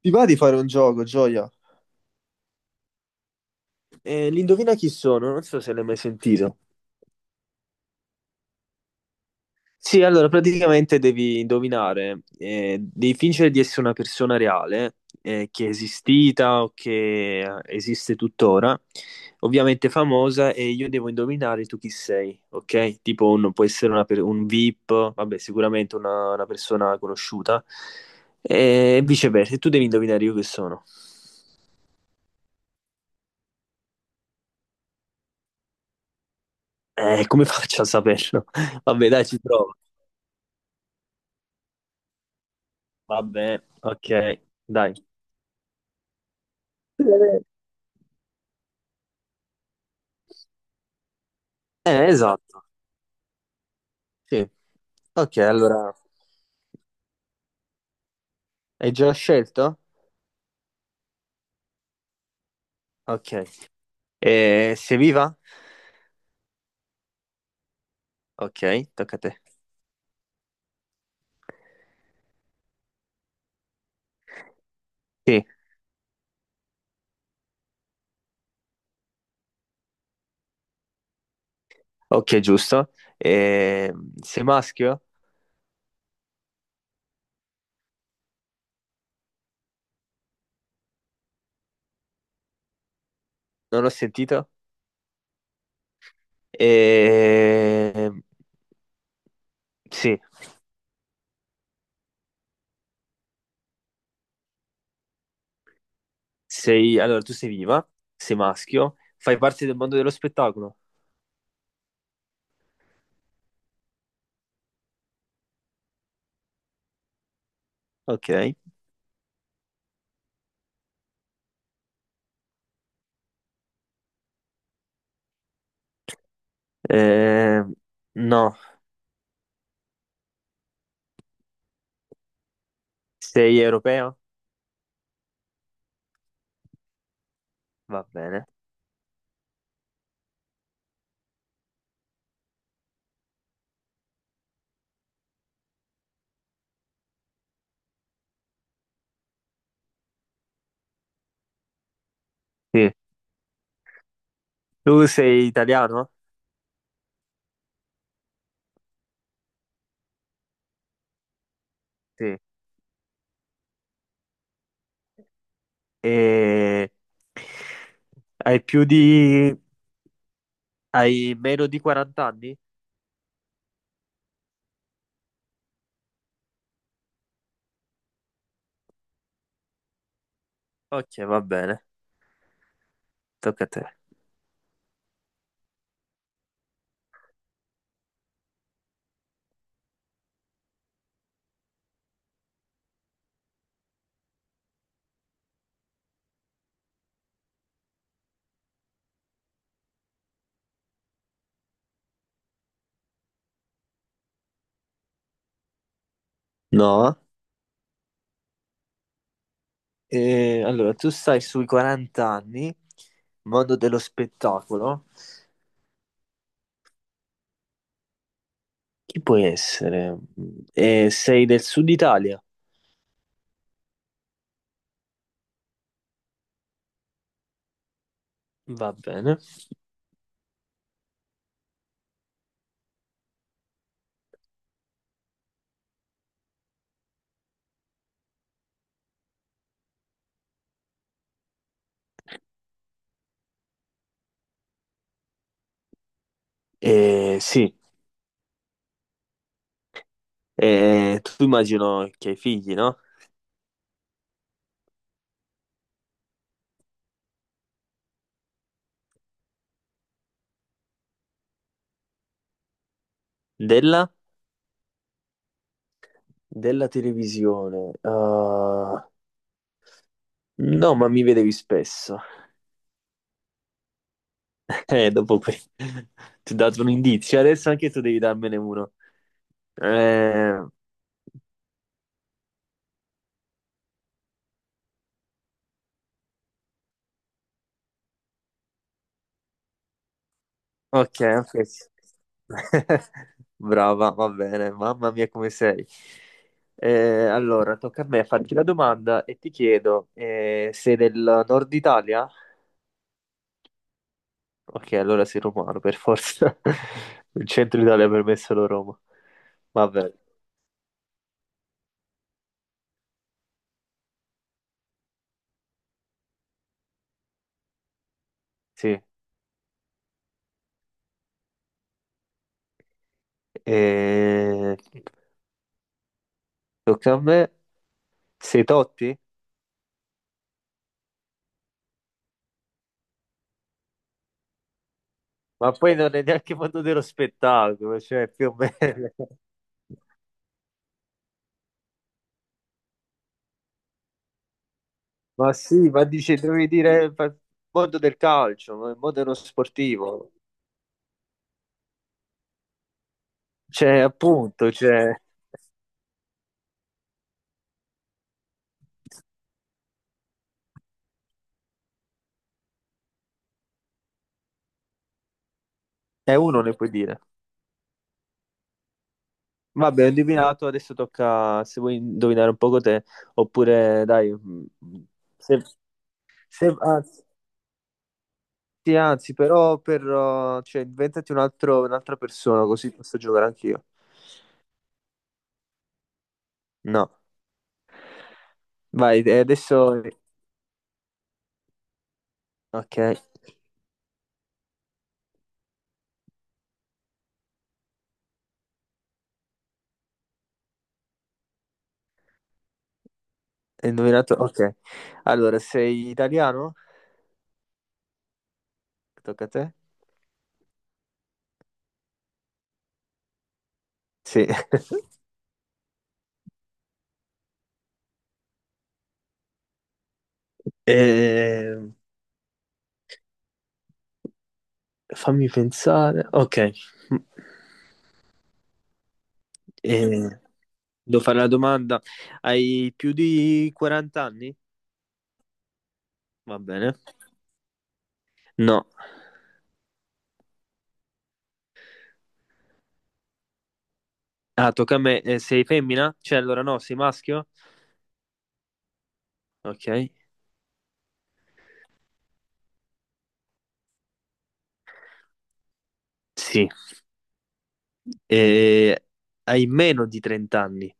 Ti va di fare un gioco, Gioia? L'indovina chi sono? Non so se l'hai mai sentito. Sì, allora praticamente devi indovinare, devi fingere di essere una persona reale, che è esistita o che esiste tuttora, ovviamente famosa, e io devo indovinare tu chi sei, ok? Può essere un VIP, vabbè, sicuramente una persona conosciuta, e viceversa, e tu devi indovinare io che sono. Come faccio a saperlo? Vabbè, dai, ci provo. Va bene, ok, dai. Esatto, sì. Ok, allora hai già scelto? Ok. Sei viva? Ok, tocca a te. Sì, ok, giusto. Sei maschio? Non ho sentito. Eh, sì, Allora, tu sei viva, sei maschio, fai parte del mondo dello spettacolo? Ok. No, sei europeo? Va bene. Sì. Tu sei italiano? Sì. E hai più di... hai meno di 40 anni? Ok, va bene, tocca a te. No, eh, allora tu stai sui 40 anni, mondo dello spettacolo. Chi puoi essere? Sei del sud Italia? Va bene. Sì, eh, tu immagino che hai figli, no? Della? Della televisione. Ah, no, ma mi vedevi spesso. Dopo qui ti ho dato un indizio, adesso anche tu devi darmene uno. Eh, ok, ok. Brava, va bene, mamma mia come sei. Allora, tocca a me farti la domanda e ti chiedo, sei del nord Italia? Ok, allora sei romano per forza. Il centro Italia per me è solo Roma. Vabbè, sì. Eh, tocca a me. Sei Totti? Ma poi non è neanche mondo dello spettacolo, cioè più o meno. Ma sì, ma dice, mondo del calcio, ma il mondo dello sportivo. Cioè, appunto, cioè, è uno ne puoi dire. Vabbè, ho indovinato, adesso tocca se vuoi indovinare un poco te, oppure dai, se, anzi, sì, anzi, però inventati un'altra persona, così posso giocare anch'io. No, vai, e adesso... Ok. Hai indovinato? Ok. Allora, sei italiano? Tocca a te? Sì. Eh, fammi pensare. Ok. Eh, devo fare la domanda. Hai più di 40 anni? Va bene. No. Ah, tocca a me. Sei femmina? Cioè, allora no, sei maschio? Ok. Sì. Eh, hai meno di 30 anni?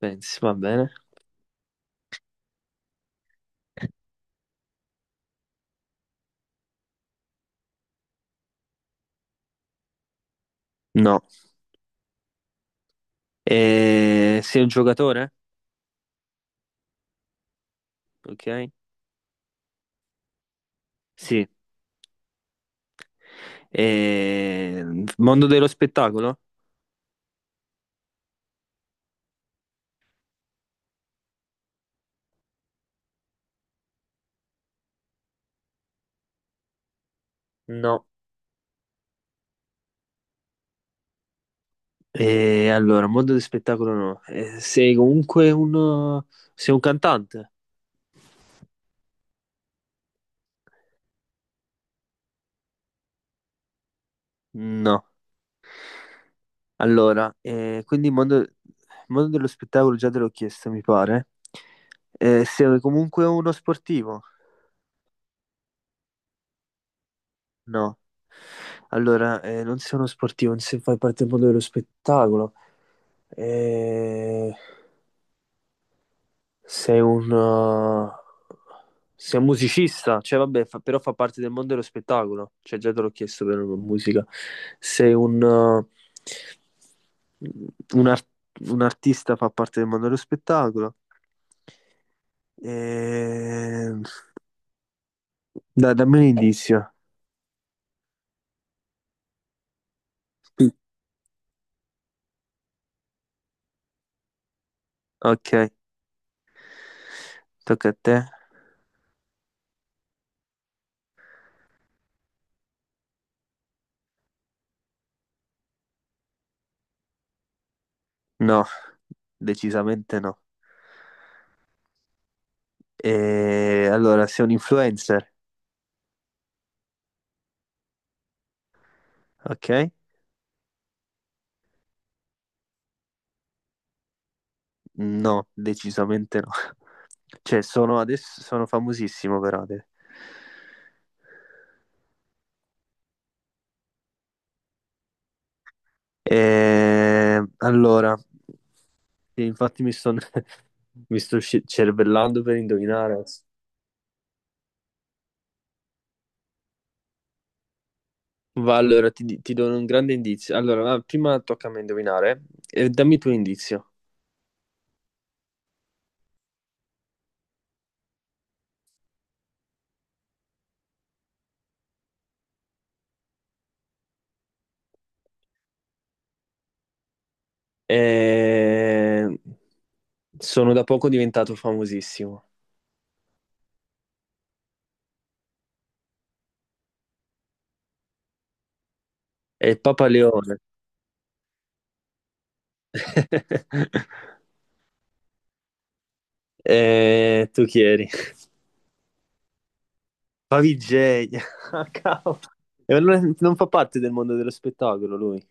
Pensi, va bene. No. Sei un giocatore? Ok. Sì. Eh, mondo dello spettacolo? No, eh, allora, mondo dello spettacolo no. Sei un cantante? No. Allora, mondo dello spettacolo già te l'ho chiesto, mi pare. Sei comunque uno sportivo? No. Allora, non sei uno sportivo, non sei, fai parte del mondo dello spettacolo. Eh, Sei un, uh, sei un musicista, però fa parte del mondo dello spettacolo, cioè già te l'ho chiesto per la musica. Sei un, ar- Un artista, fa parte del mondo dello spettacolo. Ehm, Dai, dammi un indizio. Sì. Ok, tocca a te. No, decisamente no. E allora, sei un influencer, ok? No, decisamente no. Cioè, sono famosissimo per Ade. E, allora, sì, infatti cervellando per indovinare. Va, ti do un grande indizio. Allora, va, prima tocca a me indovinare. Dammi tu indizio. Eh, sono da poco diventato famosissimo. È il Papa Leone. Tu chi eri? Favij, cavolo. E allora non fa parte del mondo dello spettacolo lui.